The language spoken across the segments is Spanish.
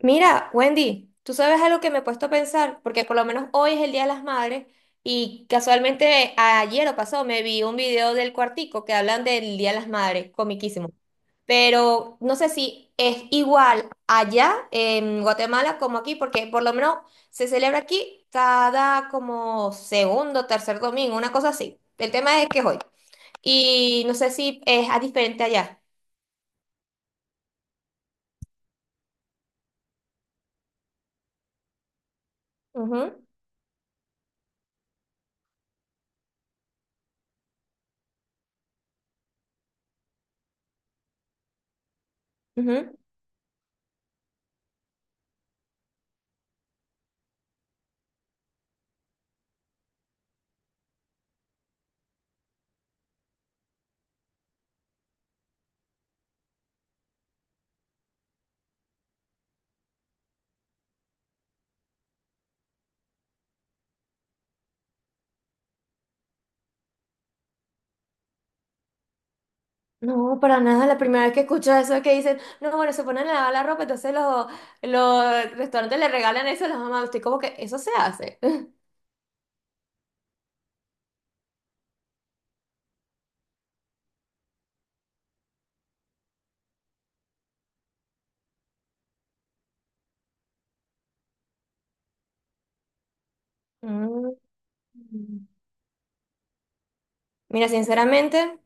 Mira, Wendy, tú sabes algo que me he puesto a pensar, porque por lo menos hoy es el Día de las Madres y casualmente ayer o pasó me vi un video del Cuartico que hablan del Día de las Madres, comiquísimo. Pero no sé si es igual allá en Guatemala como aquí, porque por lo menos se celebra aquí cada como segundo, tercer domingo, una cosa así. El tema es que es hoy. Y no sé si es a diferente allá. Ujú, ujú. No, para nada, la primera vez que escucho eso es que dicen, no, bueno, se ponen a lavar la ropa, entonces los restaurantes le regalan eso a las mamás. Estoy como que eso se hace. Mm. Mira, sinceramente,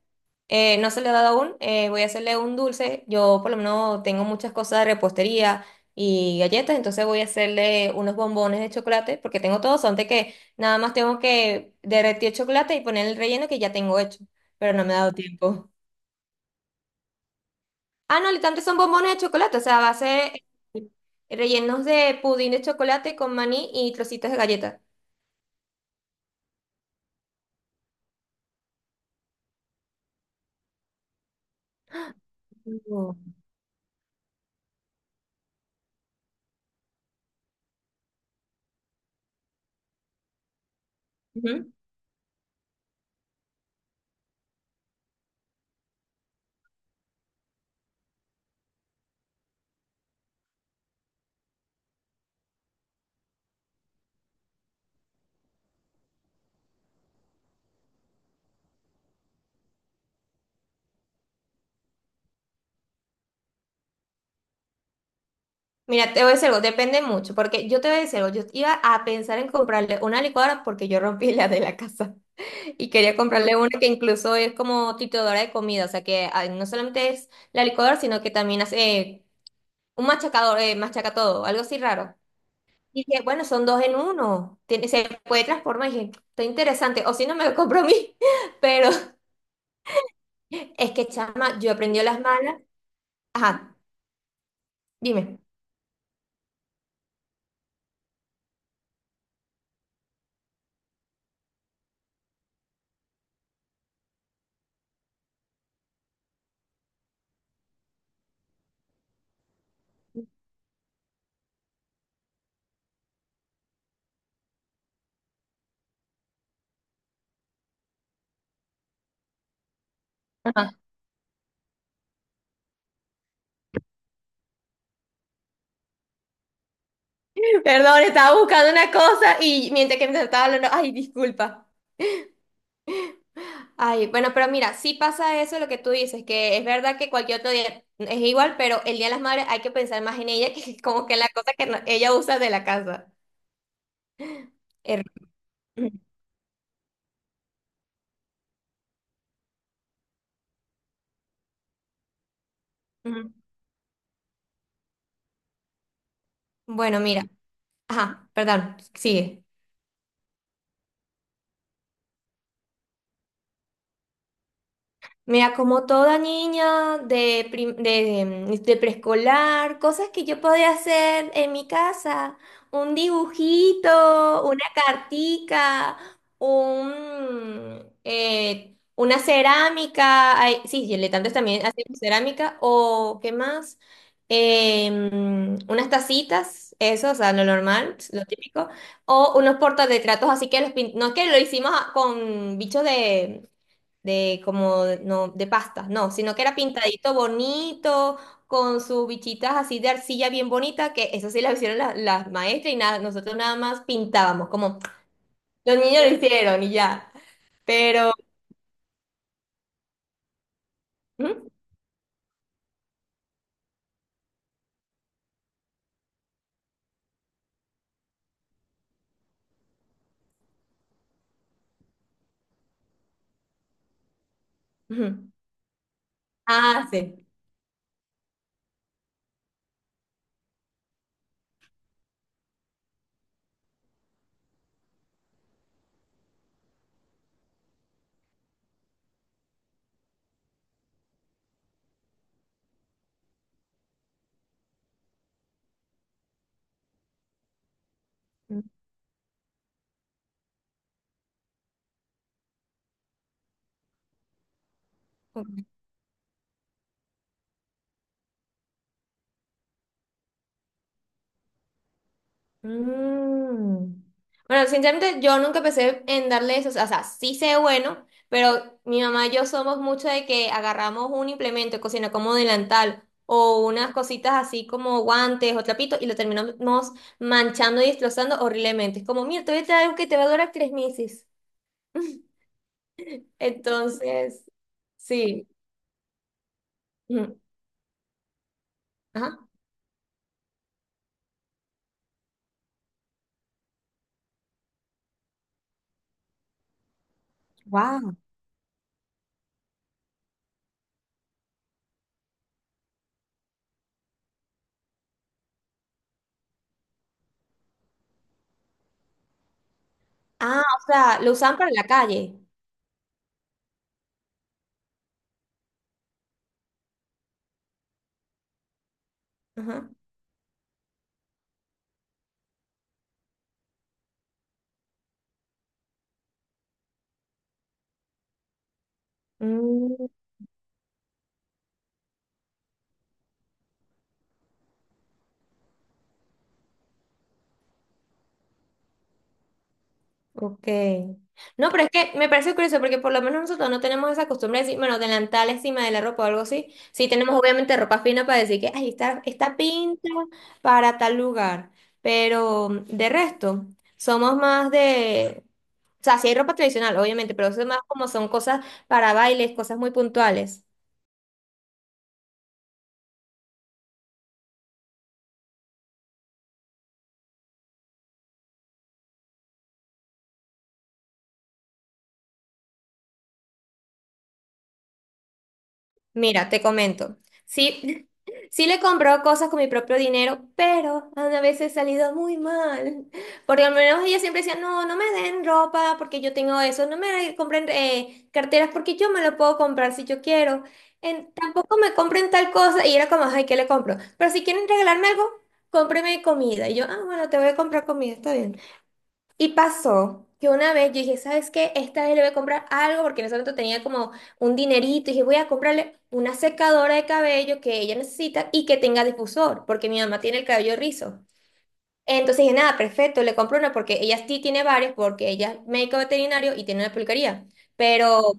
no se le ha dado aún. Voy a hacerle un dulce. Yo por lo menos tengo muchas cosas de repostería y galletas, entonces voy a hacerle unos bombones de chocolate, porque tengo todo, son de que nada más tengo que derretir el chocolate y poner el relleno que ya tengo hecho, pero no me ha dado tiempo. Ah, no, literalmente son bombones de chocolate, o sea, a base eh, rellenos de pudín de chocolate con maní y trocitos de galleta. No. Ujú. Mira, te voy a decir algo, depende mucho, porque yo te voy a decir algo, yo iba a pensar en comprarle una licuadora porque yo rompí la de la casa y quería comprarle una que incluso es como trituradora de comida, o sea que no solamente es la licuadora, sino que también hace un machacador, machaca todo, algo así raro. Y dije, bueno, son dos en uno, se puede transformar. Y dije, está interesante, o si no me lo compro a mí. Pero es que, chama, yo aprendí a las malas. Ajá, dime. Ajá. Perdón, estaba buscando una cosa y mientras que me estaba hablando, ay, disculpa. Ay, bueno, pero mira, sí pasa eso lo que tú dices, que es verdad que cualquier otro día es igual, pero el Día de las Madres hay que pensar más en ella que como que en la cosa que ella usa de la casa. Er- Ujú. Bueno, mira, ajá, perdón, sigue. Mira, como toda niña de preescolar, cosas que yo podía hacer en mi casa, un dibujito, una cartica, una cerámica, ay, sí, diletantes también hacemos cerámica, o qué más. Unas tacitas, eso, o sea, lo normal, lo típico, o unos portarretratos, así que no es que lo hicimos con bichos de como no de pastas, no, sino que era pintadito bonito, con sus bichitas así de arcilla bien bonita, que eso sí las hicieron las maestras y nada, nosotros nada más pintábamos, como los niños lo hicieron y ya. Pero, ¿Mm? Ujú. Ah, sí. Mm. Bueno, sinceramente yo nunca pensé en darle eso, o sea, sí sé bueno, pero mi mamá y yo somos mucho de que agarramos un implemento de cocina como delantal o unas cositas así como guantes o trapitos y lo terminamos manchando y destrozando horriblemente. Es como, mira, te voy a traer algo que te va a durar 3 meses. Entonces, sí. Ujú. Ajá. Wow. Ah, o sea, lo usan para la calle. Ajá. Mm. Ok. No, pero es que me parece curioso porque por lo menos nosotros no tenemos esa costumbre de decir, bueno, delantal encima de la ropa o algo así. Sí tenemos obviamente ropa fina para decir que, ay, está pinta para tal lugar. Pero de resto, somos más de. O sea, sí hay ropa tradicional, obviamente, pero eso es más como son cosas para bailes, cosas muy puntuales. Mira, te comento. Sí, sí le compró cosas con mi propio dinero, pero a veces he salido muy mal. Porque al menos ella siempre decía, no, no me den ropa porque yo tengo eso, no me compren carteras porque yo me lo puedo comprar si yo quiero. Tampoco me compren tal cosa y era como, ay, ¿qué le compro? Pero si quieren regalarme algo, cómpreme comida. Y yo, ah, bueno, te voy a comprar comida, está bien. Y pasó que una vez yo dije, ¿sabes qué? Esta vez le voy a comprar algo porque en ese momento tenía como un dinerito. Y dije, voy a comprarle una secadora de cabello que ella necesita y que tenga difusor, porque mi mamá tiene el cabello rizo. Entonces dije, nada, perfecto, le compro una porque ella sí tiene varios, porque ella es médico veterinario y tiene una peluquería. Pero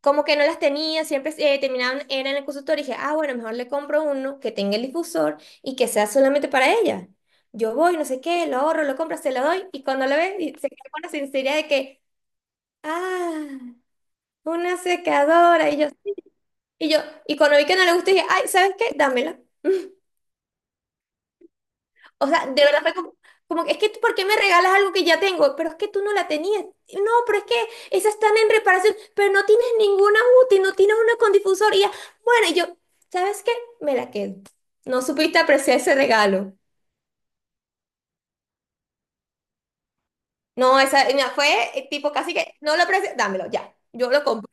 como que no las tenía, siempre terminaban, eran en el consultorio, y dije, ah, bueno, mejor le compro uno que tenga el difusor y que sea solamente para ella. Yo voy, no sé qué, lo ahorro, lo compro, se lo doy, y cuando lo ve, y se queda con la sinceridad de que, ah, una secadora, y yo, y cuando vi que no le gustó dije, ay, ¿sabes qué? Dámela. O sea, de verdad fue como que, es que, tú, ¿por qué me regalas algo que ya tengo? Pero es que tú no la tenías. No, pero es que esas están en reparación, pero no tienes ninguna útil, no tienes una con difusor. Y ya, bueno, y yo, ¿sabes qué? Me la quedo. No supiste apreciar ese regalo. No, esa, mira, fue tipo casi que, no lo aprecio, dámelo, ya. Yo lo compré.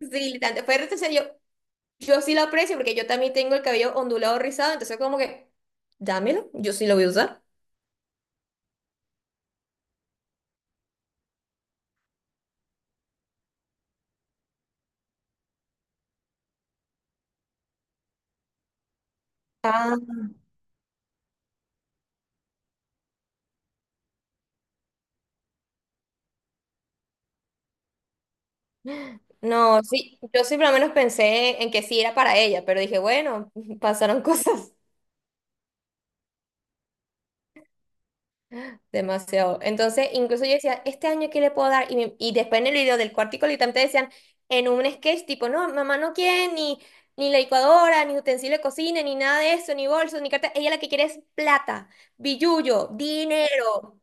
Sí, literalmente, fue retroceder, yo sí lo aprecio porque yo también tengo el cabello ondulado rizado, entonces como que, dámelo, yo sí lo voy a usar. No, sí, yo sí por lo menos pensé en que sí era para ella, pero dije, bueno, pasaron cosas demasiado. Entonces, incluso yo decía, este año qué le puedo dar. Y después en el video del cuartico literalmente decían en un sketch tipo, no, mamá no quiere ni la licuadora, ni utensilio de cocina, ni nada de eso, ni bolsos, ni carta. Ella la que quiere es plata, billullo, dinero.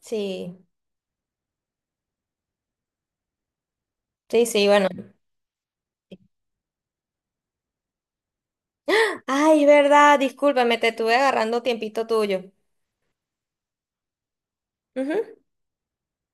Sí, sí, sí, bueno. Ay, es verdad, discúlpame, te estuve agarrando tiempito tuyo. Ujú.